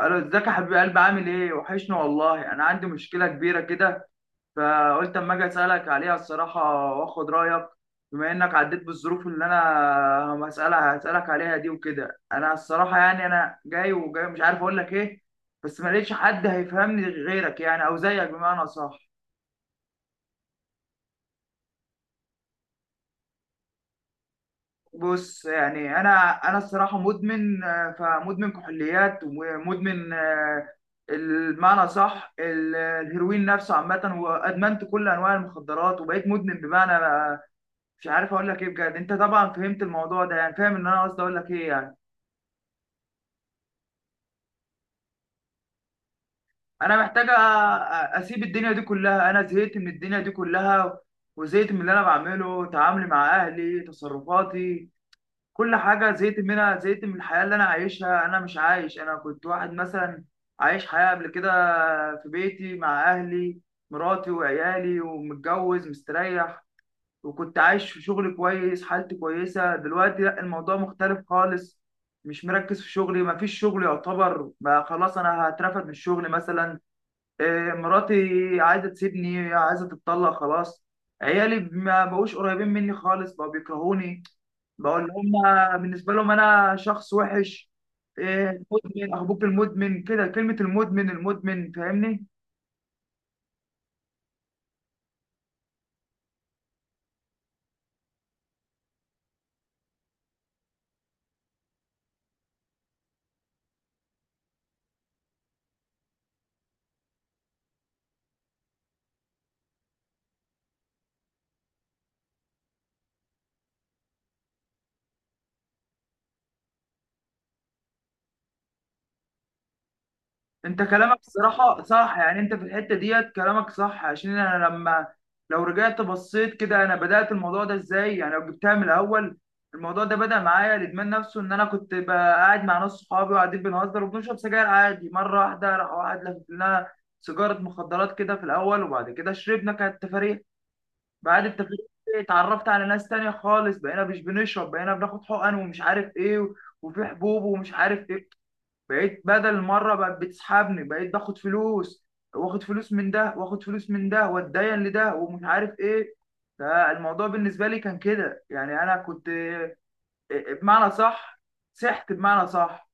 الو، ازيك يا حبيب قلبي؟ عامل ايه؟ وحشني والله. انا عندي مشكله كبيره كده، فقلت اما اجي اسالك عليها الصراحه واخد رايك، بما انك عديت بالظروف اللي انا هسالك عليها دي وكده. انا الصراحه يعني انا جاي، وجاي مش عارف اقول لك ايه، بس ما لقيتش حد هيفهمني غيرك، يعني او زيك بمعنى صح. بص يعني انا الصراحه مدمن، فمدمن كحوليات ومدمن، المعنى صح، الهيروين نفسه عامه، وادمنت كل انواع المخدرات وبقيت مدمن بمعنى، مش عارف اقول لك ايه بجد. انت طبعا فهمت الموضوع ده، يعني فاهم ان انا قصدي اقول لك ايه يعني. انا محتاج اسيب الدنيا دي كلها، انا زهقت من الدنيا دي كلها، وزهقت من اللي انا بعمله، تعاملي مع اهلي، تصرفاتي، كل حاجة زهقت منها، زهقت من الحياة اللي أنا عايشها. أنا مش عايش. أنا كنت واحد مثلا عايش حياة قبل كده في بيتي مع أهلي، مراتي وعيالي، ومتجوز مستريح، وكنت عايش في شغل كويس، حالتي كويسة. دلوقتي لأ، الموضوع مختلف خالص، مش مركز في شغلي، مفيش شغل يعتبر، بقى خلاص أنا هترفد من الشغل مثلا. إيه، مراتي عايزة تسيبني، عايزة تتطلق خلاص. عيالي ما بقوش قريبين مني خالص، بقوا بيكرهوني، بقول لهم، بالنسبه لهم انا شخص وحش. إيه، مدمن اخبوك المدمن، كده كلمه المدمن فاهمني. انت كلامك الصراحه صح، يعني انت في الحته ديت كلامك صح، عشان انا لما لو رجعت بصيت كده، انا بدات الموضوع ده ازاي يعني؟ لو جبتها من الاول، الموضوع ده بدا معايا، الادمان نفسه، ان انا كنت بقى قاعد مع ناس صحابي، وقاعدين بنهزر وبنشرب سجاير عادي، مره واحده راح واحد لفت لنا سيجاره مخدرات كده في الاول، وبعد كده شربنا، كانت تفاريح بعد التدريب. اتعرفت على ناس تانية خالص، بقينا مش بنشرب، بقينا بناخد حقن ومش عارف ايه، وفي حبوب ومش عارف ايه. بقيت بدل مرة بقت بتسحبني، بقيت باخد فلوس، واخد فلوس من ده، واخد فلوس من ده، واتدين لده، ومش عارف ايه. فالموضوع بالنسبة لي كان كده يعني، انا كنت بمعنى صح سحت بمعنى صح.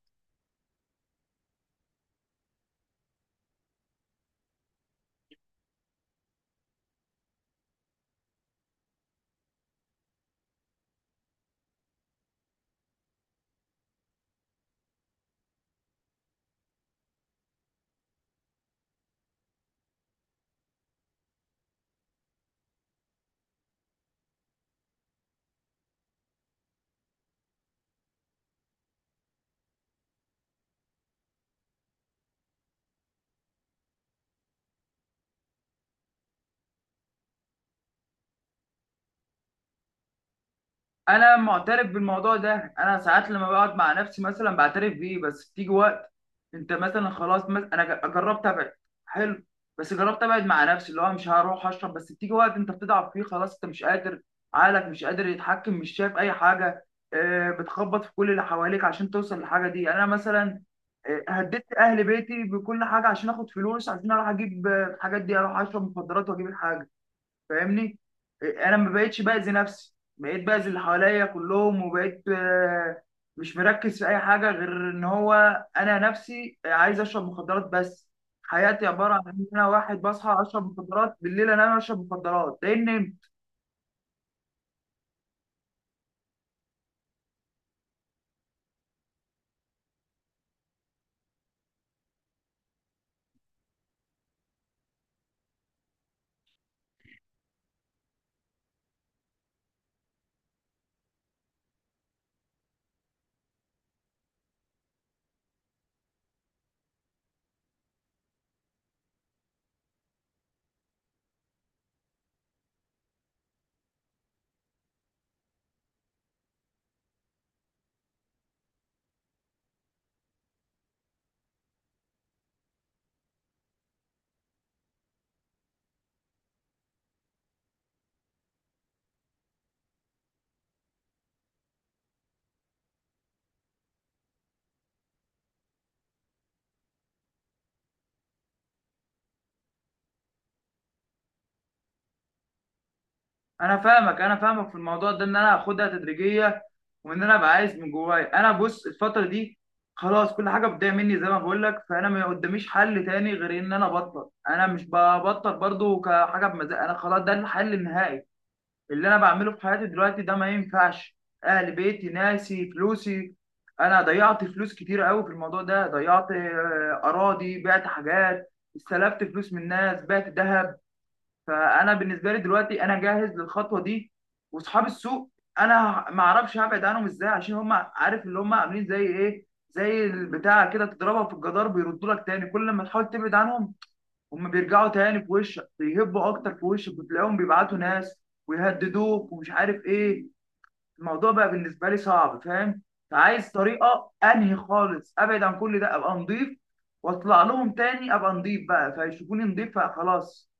انا معترف بالموضوع ده، انا ساعات لما بقعد مع نفسي مثلا بعترف بيه، بس بتيجي وقت انت مثلا خلاص، مثلا انا جربت ابعد. حلو. بس جربت ابعد مع نفسي، اللي هو مش هروح اشرب، بس بتيجي وقت انت بتضعف فيه خلاص، انت مش قادر، عقلك مش قادر يتحكم، مش شايف اي حاجه، بتخبط في كل اللي حواليك عشان توصل للحاجه دي. انا مثلا، هددت اهل بيتي بكل حاجه عشان اخد فلوس، عشان اروح اجيب، الحاجات دي، اروح اشرب مخدرات واجيب الحاجه، فاهمني. انا ما بقتش باذي نفسي، بقيت باذي اللي حواليا كلهم، وبقيت، مش مركز في اي حاجه غير ان هو انا نفسي عايز اشرب مخدرات بس. حياتي عباره عن ان انا واحد بصحى اشرب مخدرات، بالليل انام اشرب مخدرات، لان انا فاهمك. انا فاهمك في الموضوع ده، ان انا اخدها تدريجيه، وان انا ابقى عايز من جوايا. انا بص الفتره دي خلاص، كل حاجه بتضيع مني زي ما بقول لك، فانا ما قداميش حل تاني غير ان انا ابطل. انا مش ببطل برضو كحاجه بمزاج، انا خلاص ده الحل النهائي. اللي انا بعمله في حياتي دلوقتي ده ما ينفعش، اهل بيتي ناسي فلوسي، انا ضيعت فلوس كتير قوي في الموضوع ده، ضيعت، اراضي، بعت حاجات، استلفت فلوس من ناس، بعت ذهب. فانا بالنسبه لي دلوقتي انا جاهز للخطوه دي. واصحاب السوق، انا ما اعرفش هبعد عنهم ازاي، عشان هم عارف اللي هم عاملين زي ايه؟ زي البتاع كده، تضربها في الجدار بيردوا لك تاني، كل ما تحاول تبعد عنهم هم بيرجعوا تاني في وشك، بيهبوا اكتر في وشك، وتلاقيهم بيبعتوا ناس ويهددوك ومش عارف ايه. الموضوع بقى بالنسبه لي صعب، فاهم؟ فعايز طريقه انهي خالص، ابعد عن كل ده، ابقى نضيف، واطلع لهم تاني ابقى نضيف بقى، فيشوفوني نضيف فخلاص.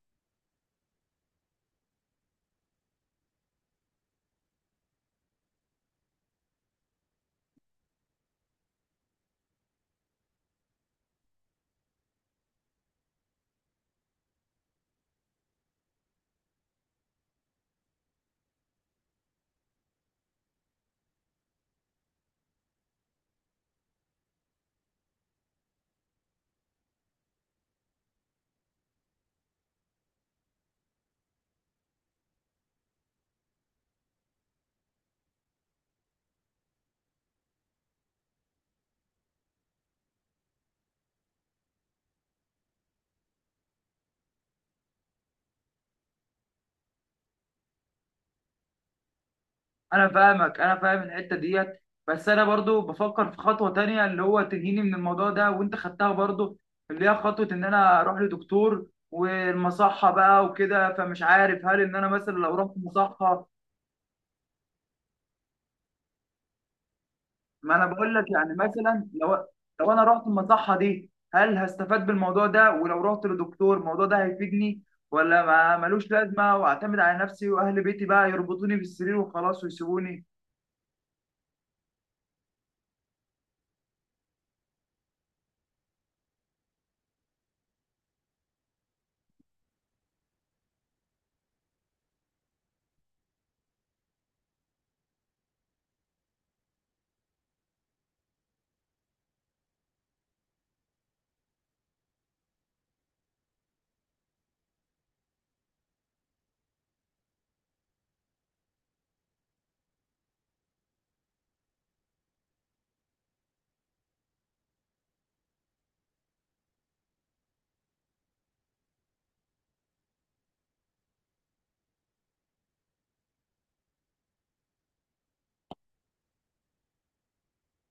انا فاهمك، انا فاهم الحته ديت، بس انا برضو بفكر في خطوه تانية اللي هو تنهيني من الموضوع ده، وانت خدتها برضو، اللي هي خطوه ان انا اروح لدكتور والمصحه بقى وكده، فمش عارف هل ان انا مثلا لو رحت مصحه، ما انا بقول لك، يعني مثلا لو انا رحت المصحه دي، هل هستفاد بالموضوع ده؟ ولو رحت لدكتور الموضوع ده هيفيدني؟ ولا ما ملوش لازمه واعتمد على نفسي واهل بيتي بقى يربطوني بالسرير وخلاص ويسيبوني؟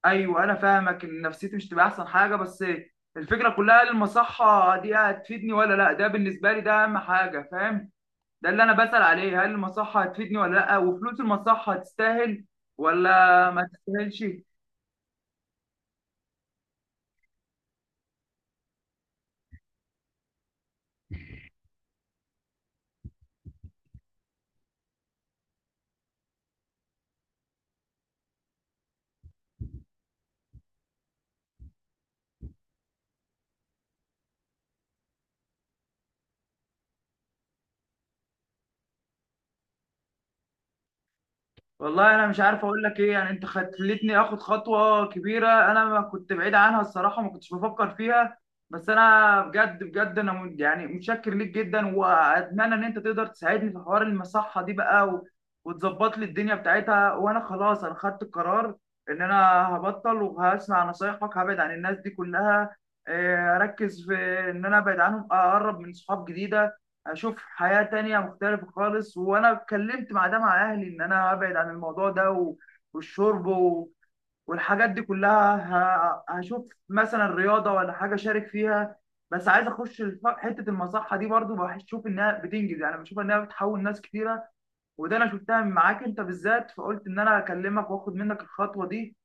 ايوه، انا فاهمك ان نفسيتي مش تبقى احسن حاجه، بس الفكره كلها هل المصحه دي هتفيدني ولا لا؟ ده بالنسبه لي ده اهم حاجه، فاهم؟ ده اللي انا بسأل عليه، هل المصحه هتفيدني ولا لا؟ وفلوس المصحه تستاهل ولا ما تستاهلش؟ والله انا مش عارف اقول لك ايه، يعني انت خلتني اخد خطوه كبيره انا ما كنت بعيد عنها الصراحه، ما كنتش بفكر فيها، بس انا بجد بجد انا يعني متشكر ليك جدا، واتمنى ان انت تقدر تساعدني في حوار المصحه دي بقى وتظبط لي الدنيا بتاعتها. وانا خلاص انا خدت القرار ان انا هبطل، وهسمع نصايحك، هبعد عن الناس دي كلها، اركز في ان انا ابعد عنهم، اقرب من صحاب جديده، اشوف حياة تانية مختلفة خالص. وانا اتكلمت مع ده مع اهلي ان انا ابعد عن الموضوع ده والشرب والحاجات دي كلها. هشوف مثلا رياضة ولا حاجة شارك فيها، بس عايز اخش حتة المصحة دي برضو، بشوف انها بتنجز، يعني بشوف انها بتحول ناس كتيرة، وده انا شفتها معاك انت بالذات، فقلت ان انا اكلمك واخد منك الخطوة دي.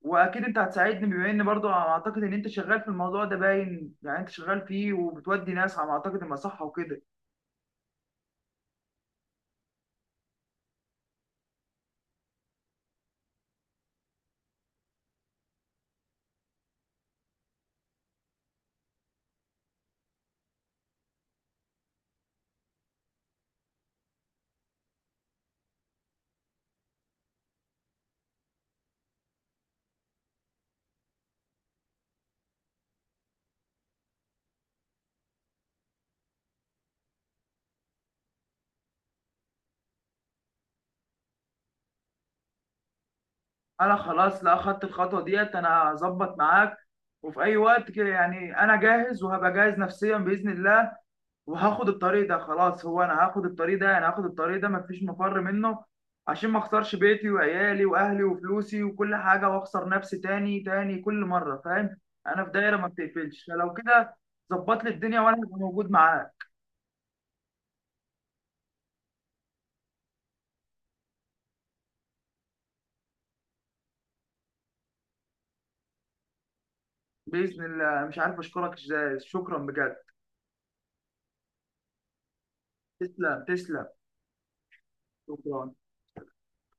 واكيد انت هتساعدني، بما ان برضو اعتقد ان انت شغال في الموضوع ده، باين يعني انت شغال فيه وبتودي ناس على ما اعتقد المصحة وكده. انا خلاص، لا اخدت الخطوه ديت، انا هظبط معاك، وفي اي وقت كده يعني انا جاهز، وهبقى جاهز نفسيا باذن الله، وهاخد الطريق ده خلاص. هو انا هاخد الطريق ده، انا هاخد الطريق ده، مفيش مفر منه، عشان ما اخسرش بيتي وعيالي واهلي وفلوسي وكل حاجه، واخسر نفسي تاني كل مره، فاهم؟ انا في دايره ما بتقفلش. فلو كده ظبط لي الدنيا وانا هبقى موجود معاك. باذن الله، مش عارف اشكرك ازاي، شكرا بجد. تسلم، تسلم. شكرا.